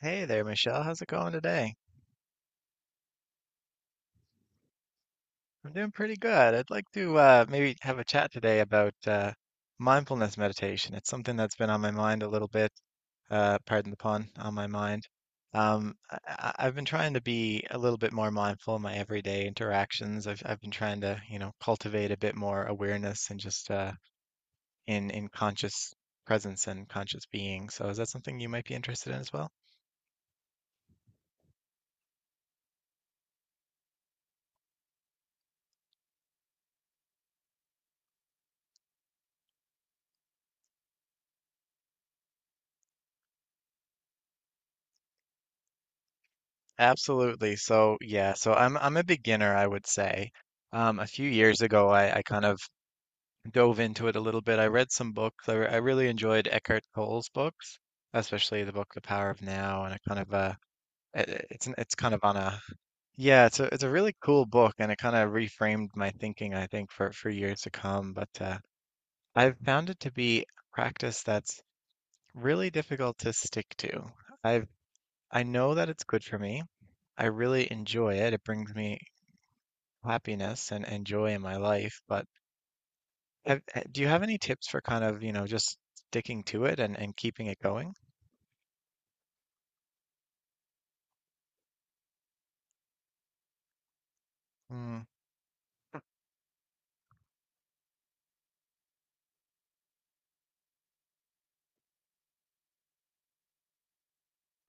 Hey there, Michelle. How's it going today? I'm doing pretty good. I'd like to maybe have a chat today about mindfulness meditation. It's something that's been on my mind a little bit, pardon the pun, on my mind. I've been trying to be a little bit more mindful in my everyday interactions. I've been trying to, you know, cultivate a bit more awareness and just in conscious presence and conscious being. So is that something you might be interested in as well? Absolutely. So yeah, so I'm a beginner, I would say. A few years ago, I kind of dove into it a little bit. I read some books. I really enjoyed Eckhart Tolle's books, especially the book The Power of Now, and it kind of it's kind of on a yeah, it's a really cool book, and it kind of reframed my thinking, I think, for years to come. But I've found it to be a practice that's really difficult to stick to. I've I know that it's good for me. I really enjoy it. It brings me happiness and joy in my life. But do you have any tips for kind of, you know, just sticking to it and keeping it going? Mm,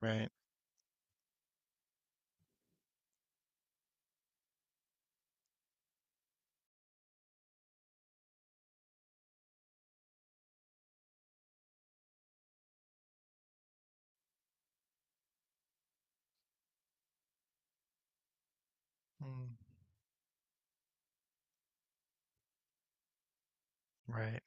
right. Mm, right.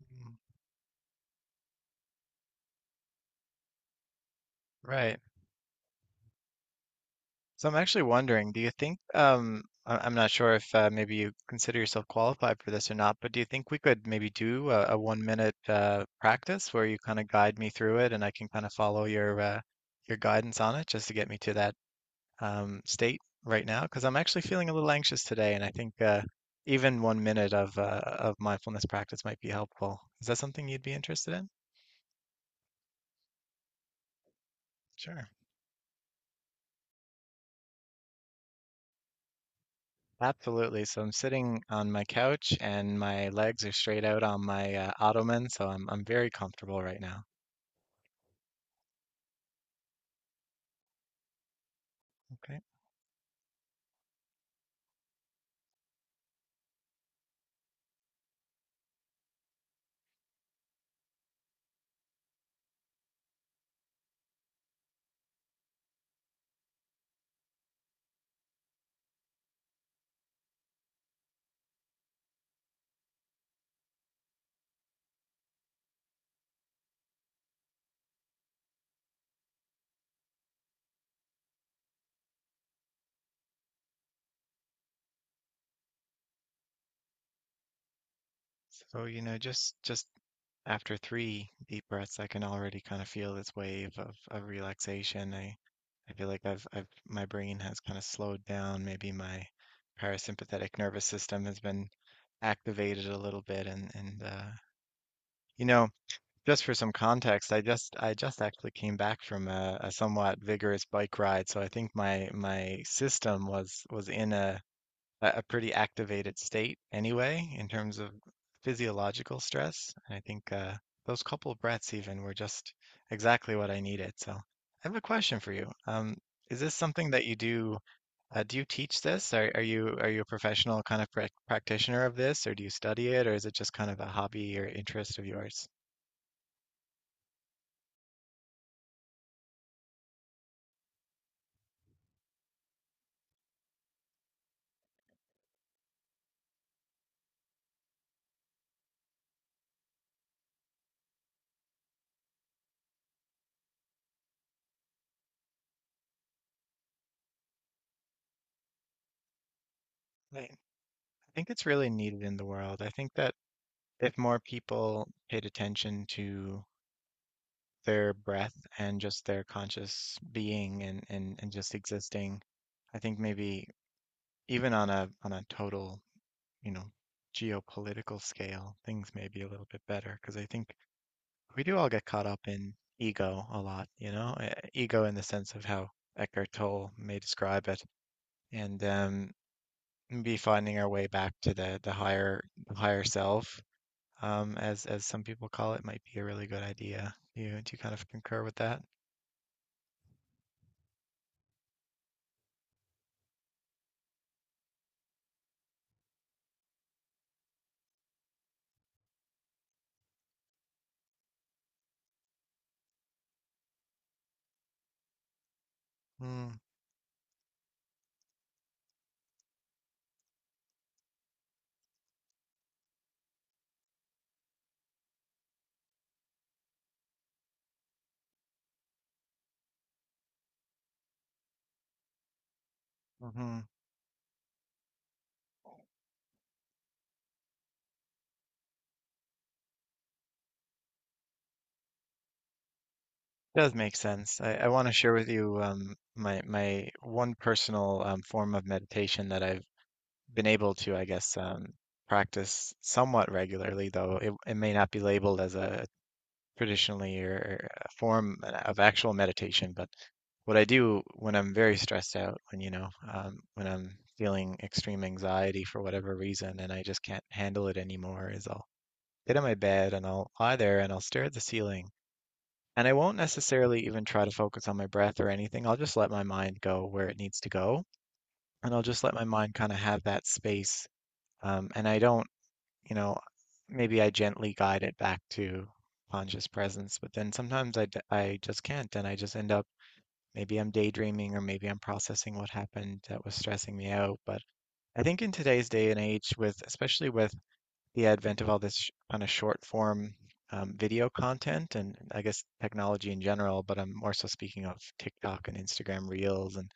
Mm, right. So I'm actually wondering, do you think, I'm not sure if maybe you consider yourself qualified for this or not, but do you think we could maybe do a 1 minute practice where you kind of guide me through it and I can kind of follow your guidance on it just to get me to that state right now because I'm actually feeling a little anxious today, and I think even 1 minute of mindfulness practice might be helpful. Is that something you'd be interested in? Sure. Absolutely. So I'm sitting on my couch and my legs are straight out on my ottoman, so I'm very comfortable right now. Okay. So, you know, just after three deep breaths, I can already kind of feel this wave of relaxation. I feel like I've my brain has kind of slowed down. Maybe my parasympathetic nervous system has been activated a little bit and you know, just for some context, I just actually came back from a somewhat vigorous bike ride, so I think my system was in a pretty activated state anyway in terms of physiological stress. And I think those couple of breaths even were just exactly what I needed. So I have a question for you. Is this something that you do? Do you teach this? Are you a professional kind of practitioner of this, or do you study it, or is it just kind of a hobby or interest of yours? I think it's really needed in the world. I think that if more people paid attention to their breath and just their conscious being and just existing. I think maybe even on a total, you know, geopolitical scale, things may be a little bit better because I think we do all get caught up in ego a lot, you know, ego in the sense of how Eckhart Tolle may describe it, and be finding our way back to the higher self, as some people call it, might be a really good idea. Do you kind of concur with that? Hmm. Mm-hmm. Does make sense. I want to share with you my one personal form of meditation that I've been able to, I guess, practice somewhat regularly, though it may not be labeled as a traditionally or a form of actual meditation. But what I do when I'm very stressed out, when you know, when I'm feeling extreme anxiety for whatever reason, and I just can't handle it anymore, is I'll get on my bed and I'll lie there and I'll stare at the ceiling. And I won't necessarily even try to focus on my breath or anything. I'll just let my mind go where it needs to go. And I'll just let my mind kind of have that space. And I don't, you know, maybe I gently guide it back to conscious presence, but then sometimes I just can't. And I just end up, maybe I'm daydreaming or maybe I'm processing what happened that was stressing me out. But I think in today's day and age, with especially with the advent of all this kind of short form video content and I guess technology in general, but I'm more so speaking of TikTok and Instagram Reels and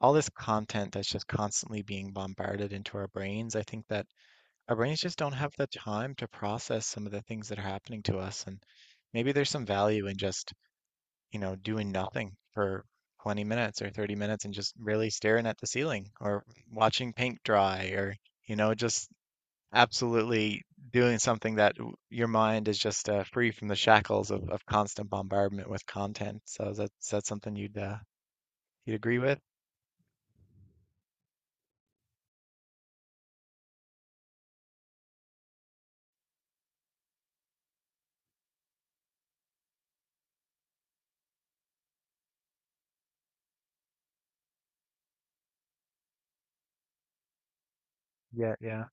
all this content that's just constantly being bombarded into our brains. I think that our brains just don't have the time to process some of the things that are happening to us. And maybe there's some value in just, you know, doing nothing for 20 minutes or 30 minutes and just really staring at the ceiling or watching paint dry or, you know, just absolutely doing something that your mind is just free from the shackles of constant bombardment with content. So that's something you'd you'd agree with? Yeah, yeah,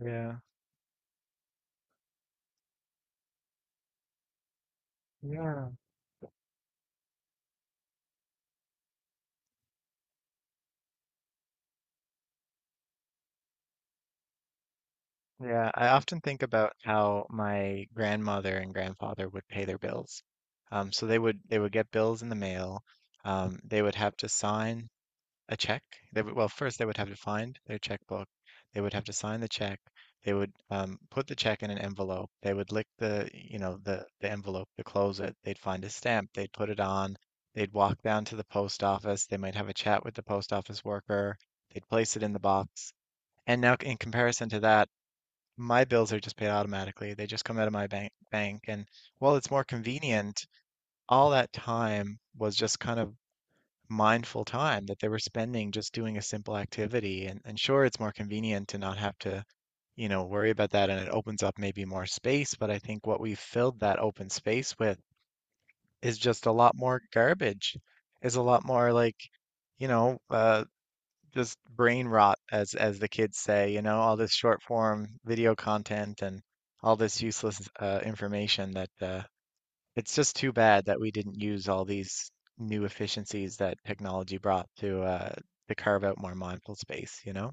yeah, yeah, yeah. I often think about how my grandmother and grandfather would pay their bills. So they would get bills in the mail. They would have to sign a check. They would, well, first they would have to find their checkbook. They would have to sign the check. They would put the check in an envelope. They would lick the, you know, the envelope to close it. They'd find a stamp. They'd put it on. They'd walk down to the post office. They might have a chat with the post office worker. They'd place it in the box. And now, in comparison to that, my bills are just paid automatically. They just come out of my bank. And while it's more convenient, all that time was just kind of mindful time that they were spending just doing a simple activity. And sure, it's more convenient to not have to, you know, worry about that and it opens up maybe more space. But I think what we've filled that open space with is just a lot more garbage, is a lot more like, you know, just brain rot, as the kids say, you know, all this short form video content and all this useless information that it's just too bad that we didn't use all these new efficiencies that technology brought to carve out more mindful space, you know?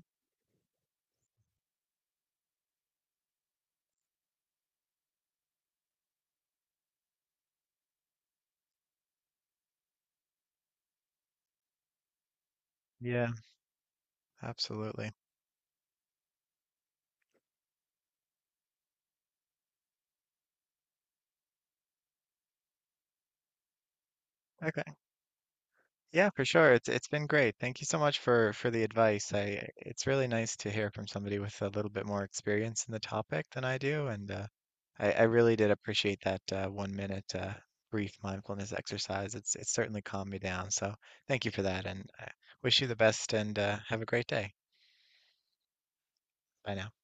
Yeah, absolutely. Okay. Yeah, for sure. It's been great. Thank you so much for the advice. I it's really nice to hear from somebody with a little bit more experience in the topic than I do, and I really did appreciate that 1 minute brief mindfulness exercise. It's certainly calmed me down. So thank you for that, and I wish you the best, and have a great day. Bye now.